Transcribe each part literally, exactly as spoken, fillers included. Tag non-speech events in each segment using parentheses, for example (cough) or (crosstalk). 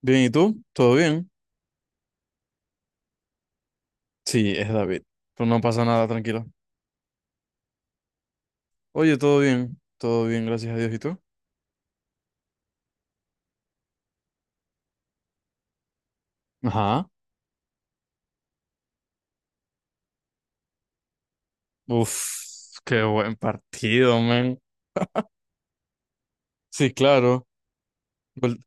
Bien, ¿y tú? ¿Todo bien? Sí, es David. Pues no pasa nada, tranquilo. Oye, todo bien, todo bien, gracias a Dios. ¿Y tú? Ajá. Uf, qué buen partido, man. Sí, claro. Gol-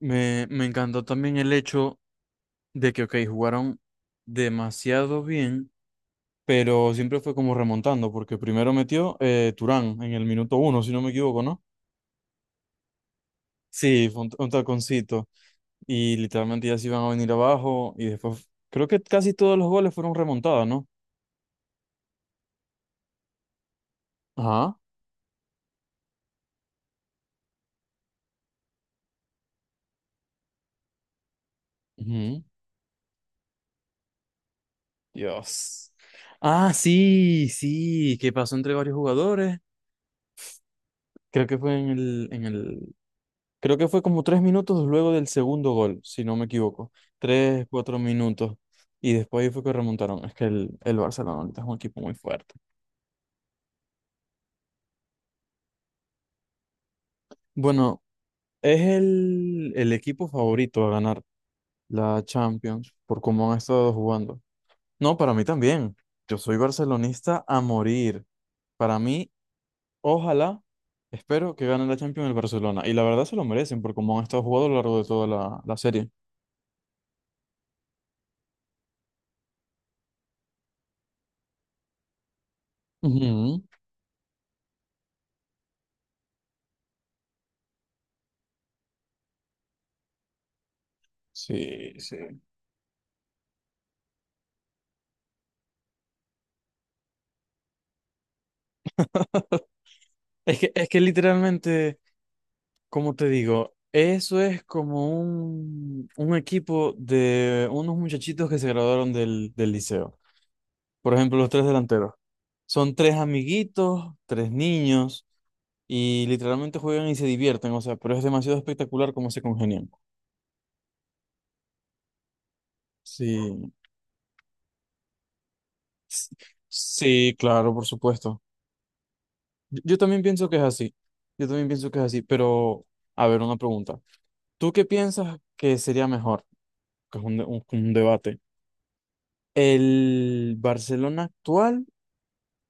Me, me encantó también el hecho de que, ok, jugaron demasiado bien, pero siempre fue como remontando, porque primero metió eh, Turán en el minuto uno, si no me equivoco, ¿no? Sí, fue un, un taconcito. Y literalmente ya se iban a venir abajo, y después creo que casi todos los goles fueron remontados, ¿no? Ajá. Ujú. Dios. Ah, sí, sí, que pasó entre varios jugadores. Creo que fue en el, en el, Creo que fue como tres minutos luego del segundo gol, si no me equivoco. Tres, cuatro minutos. Y después ahí fue que remontaron. Es que el, el Barcelona ahorita es un equipo muy fuerte. Bueno, es el, el equipo favorito a ganar la Champions por cómo han estado jugando. No, para mí también. Yo soy barcelonista a morir. Para mí, Ojalá, espero que gane la Champions el Barcelona. Y la verdad se lo merecen por cómo han estado jugando a lo largo de toda la, la serie. Ujú. Sí, sí. (laughs) Es que, es que literalmente, como te digo, eso es como un, un equipo de unos muchachitos que se graduaron del, del liceo. Por ejemplo, los tres delanteros. Son tres amiguitos, tres niños, y literalmente juegan y se divierten. O sea, pero es demasiado espectacular cómo se congenian. Sí. Sí, claro, por supuesto. Yo yo también pienso que es así. Yo también pienso que es así, pero a ver, una pregunta. ¿Tú qué piensas que sería mejor? Que es un, de- un- un debate. ¿El Barcelona actual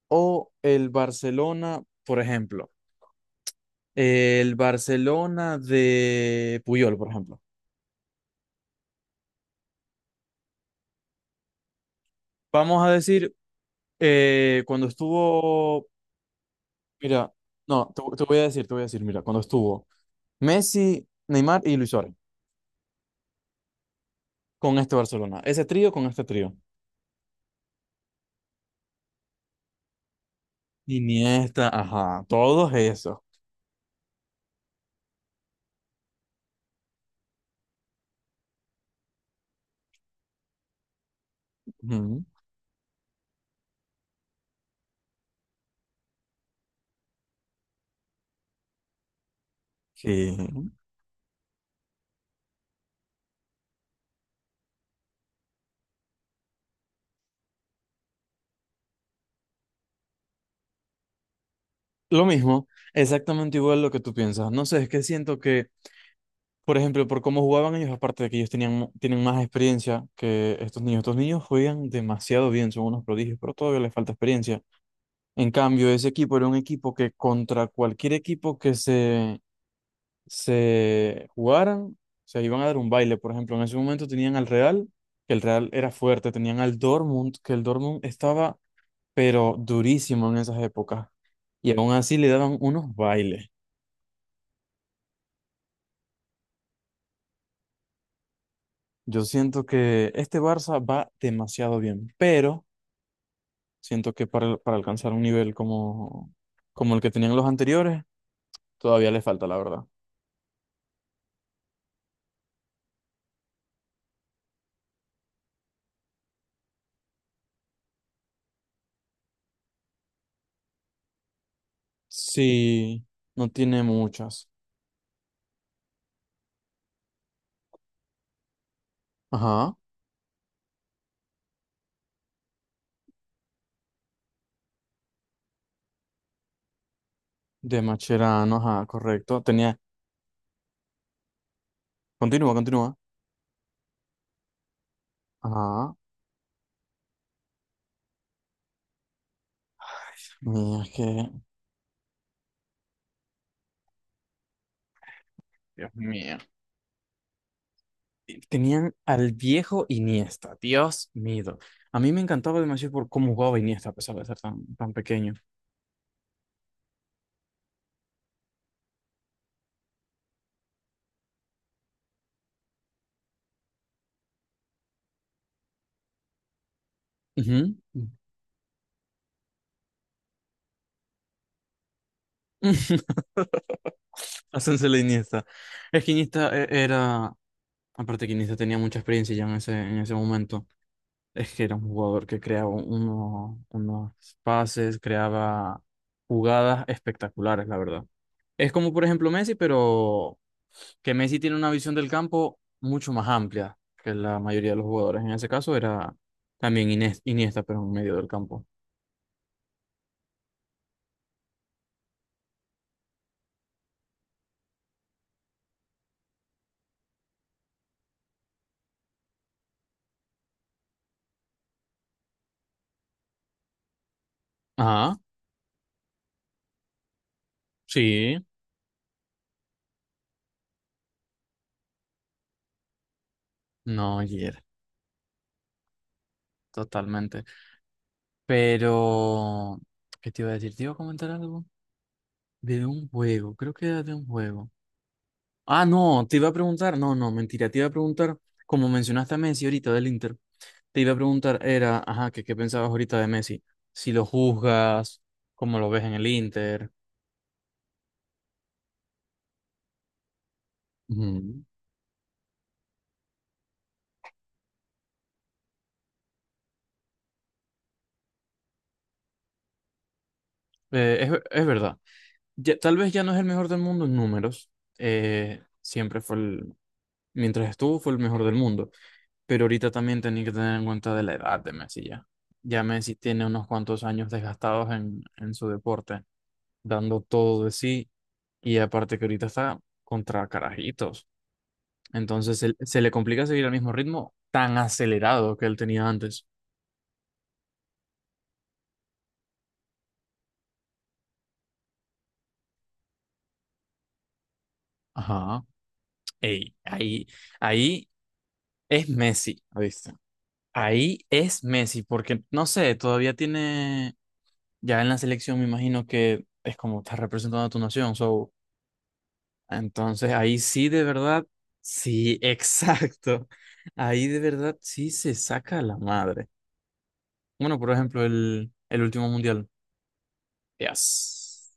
o el Barcelona, por ejemplo? El Barcelona de Puyol, por ejemplo. Vamos a decir, eh, cuando estuvo, Mira, no, te, te voy a decir, te voy a decir, mira, cuando estuvo Messi, Neymar y Luis Suárez. Con este Barcelona, ese trío con este trío. Iniesta, ajá, todos esos. Ujú. Sí. Lo mismo, exactamente igual lo que tú piensas. No sé, es que siento que, por ejemplo, por cómo jugaban ellos, aparte de que ellos tenían, mu- tienen más experiencia que estos niños. Estos niños juegan demasiado bien, son unos prodigios, pero todavía les falta experiencia. En cambio, ese equipo era un equipo que contra cualquier equipo que se se jugaran, se iban a dar un baile. Por ejemplo, en ese momento tenían al Real, que el Real era fuerte, tenían al Dortmund, que el Dortmund estaba, pero durísimo en esas épocas. Y aún así le daban unos bailes. Yo siento que este Barça va demasiado bien, pero siento que para, para alcanzar un nivel como, como el que tenían los anteriores, todavía le falta, la verdad. Sí, no tiene muchas. Ajá, de Macherano, ajá, correcto. Tenía, continúa, continúa. Ah, mira, es que Dios mío. Tenían al viejo Iniesta. Dios mío. A mí me encantaba demasiado por cómo jugaba Iniesta, a pesar de ser tan, tan pequeño. Ujú. (laughs) Hácense la Iniesta. Es que Iniesta eh, era... Aparte que Iniesta tenía mucha experiencia ya en ese, en ese momento. Es que era un jugador que creaba uno- unos pases, creaba jugadas espectaculares, la verdad. Es como, por ejemplo, Messi, pero que Messi tiene una visión del campo mucho más amplia que la mayoría de los jugadores. En ese caso era también Inés- Iniesta, pero en medio del campo. Ajá, sí, no, ayer, totalmente. Pero, ¿qué te iba a decir? ¿Te iba a comentar algo? De un juego, creo que era de un juego. Ah, no, te iba a preguntar, no, no, mentira, te iba a preguntar, como mencionaste a Messi ahorita del Inter, te iba a preguntar, era, ajá, que qué pensabas ahorita de Messi, si lo juzgas, cómo lo ves en el Inter. Ujú. Eh, es, es verdad, ya- tal vez ya no es el mejor del mundo en números, eh, siempre fue el, mientras estuvo fue el mejor del mundo, pero ahorita también tenía que tener en cuenta de la edad de Messi ya. Ya Messi tiene unos cuantos años desgastados en, en su deporte, dando todo de sí. Y aparte que ahorita está contra carajitos. Entonces se, se le complica seguir al mismo ritmo tan acelerado que él tenía antes. Ajá. Ey, ahí, ahí es Messi, ¿viste? Ahí es Messi, porque no sé, todavía tiene, ya en la selección me imagino que es como está representando a tu nación, so, entonces ahí sí de verdad, sí, (laughs) exacto, ahí de verdad sí se saca la madre. Bueno, por ejemplo, el, el último mundial. Yes.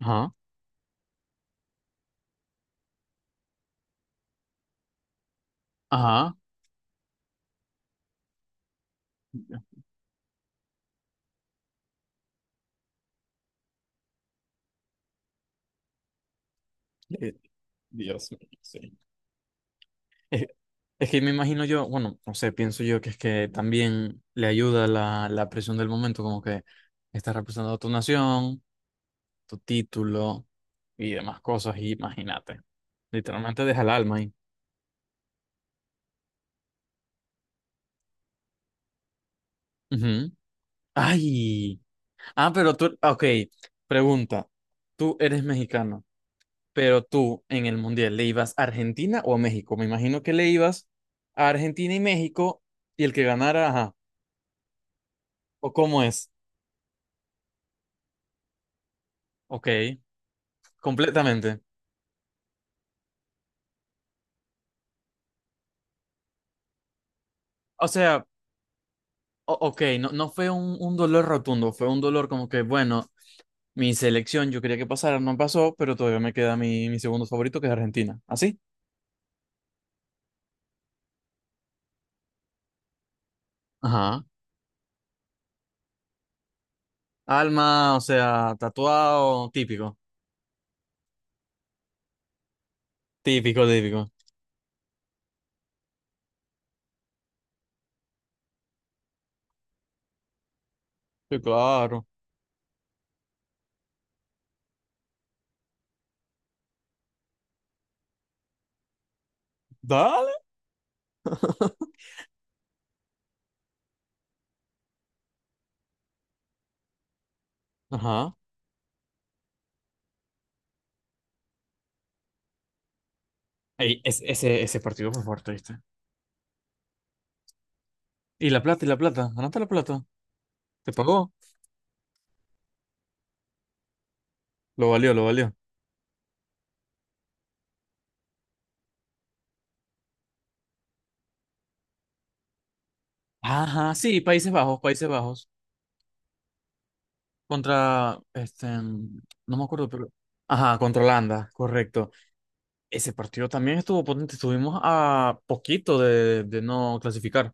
Ajá, ajá. Eh, Dios mío, sí. Es, es que me imagino yo, bueno, no sé, pienso yo que es que también le ayuda la, la presión del momento, como que estás representando a tu nación, tu título y demás cosas, y imagínate. Literalmente deja el alma ahí. Ujú. Ay. Ah, pero tú, ok, pregunta. Tú eres mexicano. Pero tú en el Mundial, ¿le ibas a Argentina o a México? Me imagino que le ibas a Argentina y México y el que ganara, ajá. ¿O cómo es? Ok, completamente. O sea, o- ok, no, no fue un, un dolor rotundo, fue un dolor como que, bueno, mi selección yo quería que pasara, no pasó, pero todavía me queda mi, mi segundo favorito que es Argentina. ¿Así? Ajá. Alma, o sea, tatuado, típico. Típico, típico. Sí, claro. Dale. (laughs) Ajá. Ey, es- ese, ese partido fue fuerte, ¿viste? Y la plata, y la plata. ¿Ganaste la plata? ¿Te pagó? Lo valió, lo valió. Ajá, sí, Países Bajos, Países Bajos. Contra, este, no me acuerdo, pero... Ajá, contra Holanda, correcto. Ese partido también estuvo potente. Estuvimos a poquito de, de no clasificar.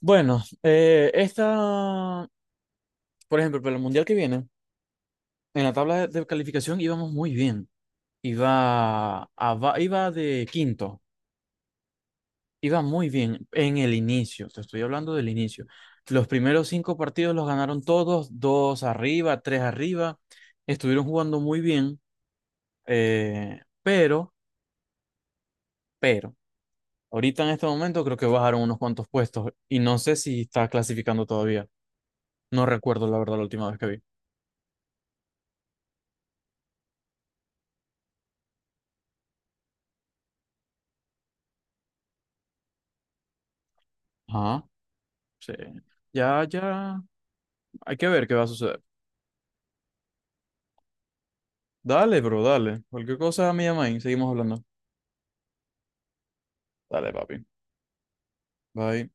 Bueno, eh, esta, por ejemplo, para el Mundial que viene, en la tabla de, de calificación íbamos muy bien. Iba, a, va- iba de quinto. Iba muy bien en el inicio, te estoy hablando del inicio. Los primeros cinco partidos los ganaron todos, dos arriba, tres arriba. Estuvieron jugando muy bien, eh, pero, pero, ahorita en este momento creo que bajaron unos cuantos puestos y no sé si está clasificando todavía. No recuerdo la verdad la última vez que vi. Ajá, sí. Ya, ya. Hay que ver qué va a suceder. Dale, bro, dale. Cualquier cosa me llama y seguimos hablando. Dale, papi. Bye.